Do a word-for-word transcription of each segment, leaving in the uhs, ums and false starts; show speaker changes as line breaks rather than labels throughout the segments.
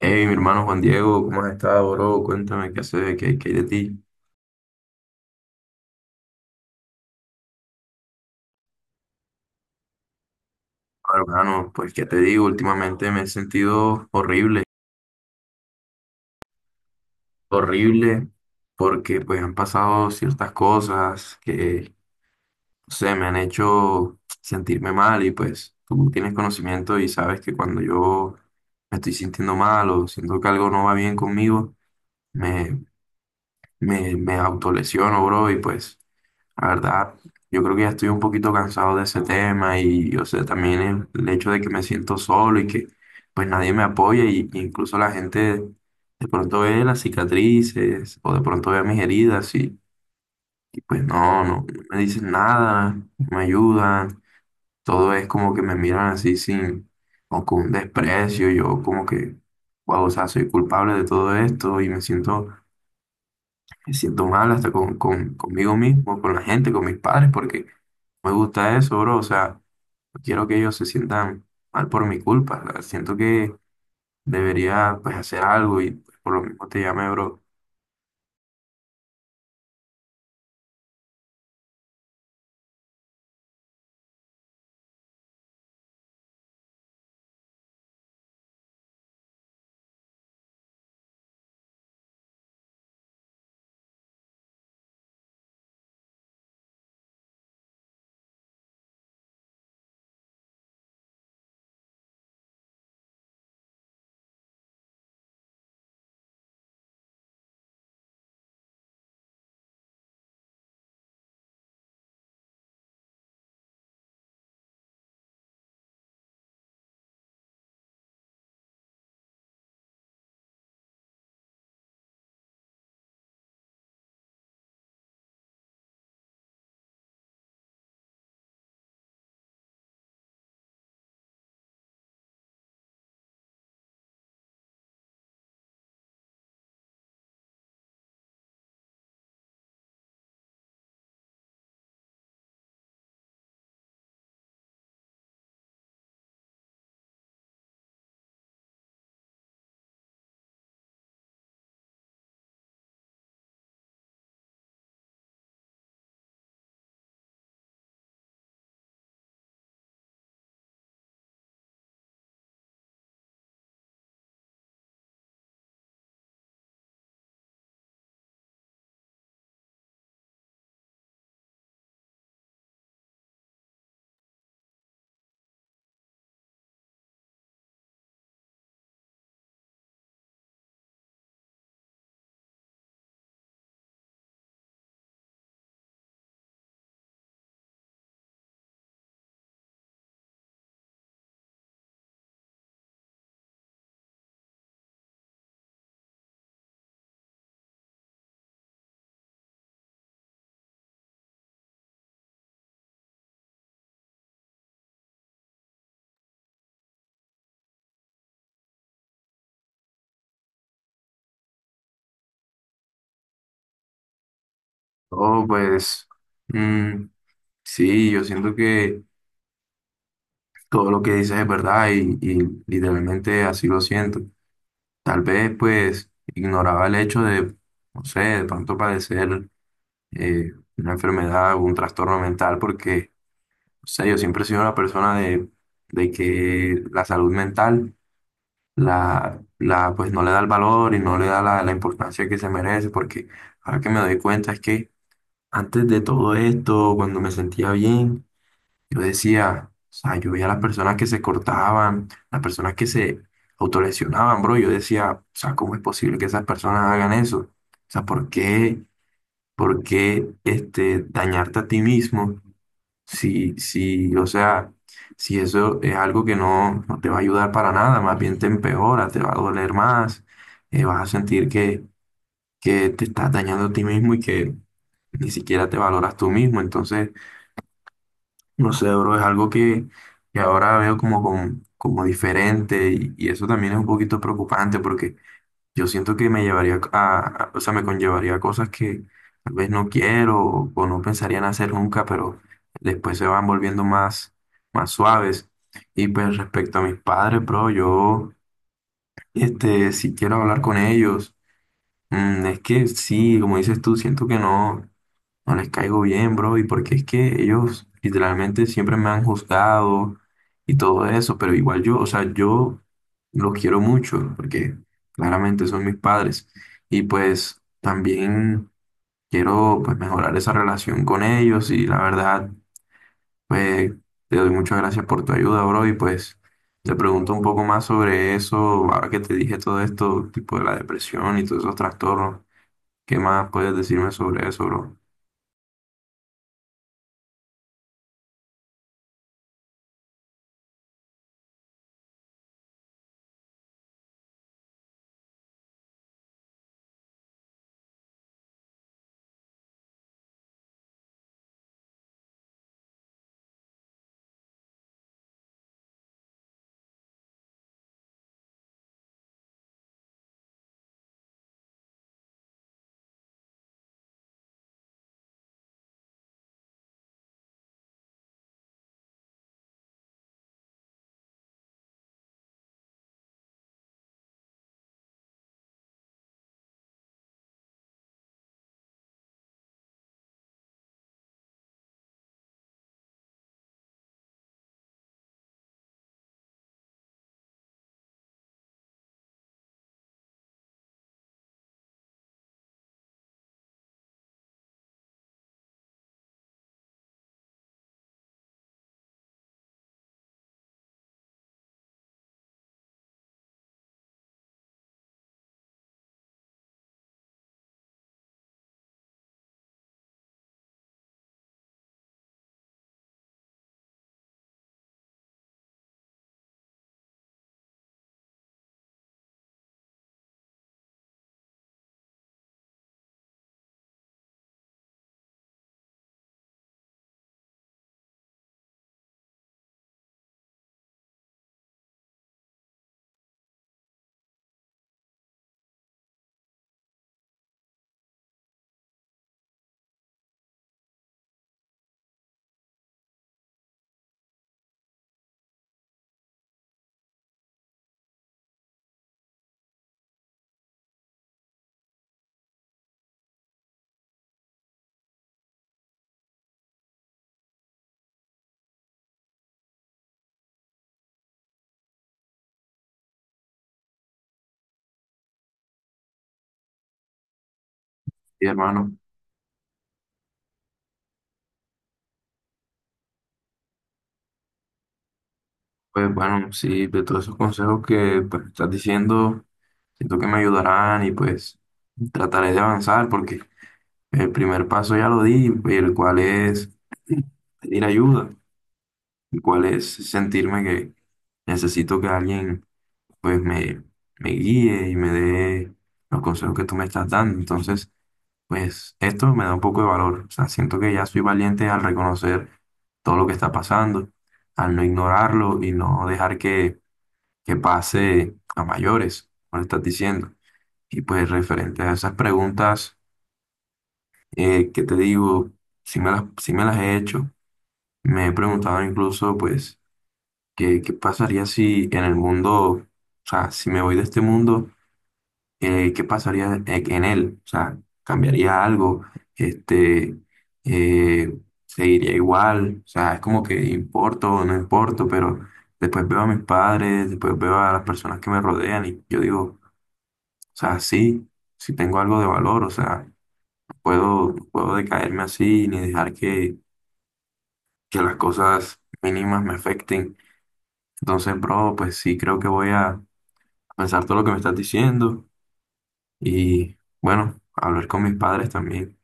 Hey, mi hermano Juan Diego, ¿cómo has estado, bro? Cuéntame qué haces, qué, qué hay de ti. Bueno, hermano, pues qué te digo, últimamente me he sentido horrible, horrible, porque pues han pasado ciertas cosas que, no sé, me han hecho sentirme mal y pues tú tienes conocimiento y sabes que cuando yo me estoy sintiendo mal o siento que algo no va bien conmigo, me, me, me autolesiono, bro, y pues... La verdad, yo creo que ya estoy un poquito cansado de ese tema y, o sea, también el, el hecho de que me siento solo y que pues nadie me apoya y y incluso la gente de pronto ve las cicatrices o de pronto ve mis heridas y, y, pues no, no, no me dicen nada, no me ayudan, todo es como que me miran así sin o con un desprecio, yo como que, wow, o sea, soy culpable de todo esto y me siento me siento mal hasta con, con- conmigo mismo, con la gente, con mis padres, porque no me gusta eso, bro. O sea, no quiero que ellos se sientan mal por mi culpa. O sea, siento que debería, pues, hacer algo y pues, por lo mismo te llamé, bro. Oh, pues, mm, sí, yo siento que todo lo que dices es verdad y, y literalmente así lo siento. Tal vez, pues, ignoraba el hecho de, no sé, de pronto padecer eh, una enfermedad o un trastorno mental porque, o sea, yo siempre he sido una persona de, de que la salud mental la, la, pues, no le da el valor y no le da la, la importancia que se merece, porque ahora que me doy cuenta es que antes de todo esto, cuando me sentía bien, yo decía, o sea, yo veía las personas que se cortaban, las personas que se autolesionaban, bro, yo decía, o sea, ¿cómo es posible que esas personas hagan eso? O sea, ¿por qué, por qué este, dañarte a ti mismo? Sí, sí, o sea, si eso es algo que no, no te va a ayudar para nada, más bien te empeora, te va a doler más, eh, vas a sentir que, que te estás dañando a ti mismo y que ni siquiera te valoras tú mismo. Entonces, no sé, bro, es algo que, que ahora veo como, como, como diferente y, y eso también es un poquito preocupante porque yo siento que me llevaría a, a- o sea, me conllevaría cosas que tal vez no quiero o, o no pensaría en hacer nunca, pero después se van volviendo más, más suaves. Y pues respecto a mis padres, bro, yo, este, si quiero hablar con ellos, mm, es que sí, como dices tú, siento que no. No les caigo bien, bro, y porque es que ellos literalmente siempre me han juzgado y todo eso, pero igual yo, o sea, yo los quiero mucho porque claramente son mis padres y pues también quiero pues mejorar esa relación con ellos y la verdad, pues te doy muchas gracias por tu ayuda, bro, y pues te pregunto un poco más sobre eso, ahora que te dije todo esto, tipo de la depresión y todos esos trastornos, ¿qué más puedes decirme sobre eso, bro? Sí, hermano. Pues bueno, sí, de todos esos consejos que pues, estás diciendo, siento que me ayudarán y pues trataré de avanzar porque el primer paso ya lo di, el cual es pedir ayuda, el cual es sentirme que necesito que alguien pues me, me guíe y me dé los consejos que tú me estás dando. Entonces, pues esto me da un poco de valor. O sea, siento que ya soy valiente al reconocer todo lo que está pasando, al no ignorarlo y no dejar que que pase a mayores, como estás diciendo. Y pues referente a esas preguntas eh, que te digo, si me las, sí me las he hecho, me he preguntado incluso pues qué, qué pasaría si en el mundo, o sea, si me voy de este mundo, eh, qué pasaría e- en él, o sea, cambiaría algo, este, eh, seguiría igual, o sea, es como que importo o no importo, pero después veo a mis padres, después veo a las personas que me rodean y yo digo, o sea, sí, sí tengo algo de valor, o sea, no puedo, no puedo decaerme así ni dejar que, que las cosas mínimas me afecten. Entonces, bro, pues sí creo que voy a pensar todo lo que me estás diciendo y bueno, hablar con mis padres también.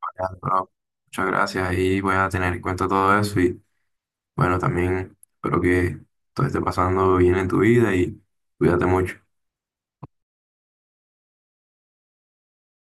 Vale, bro, muchas gracias y voy a tener en cuenta todo eso y bueno, también espero que todo esté pasando bien en tu vida y cuídate mucho.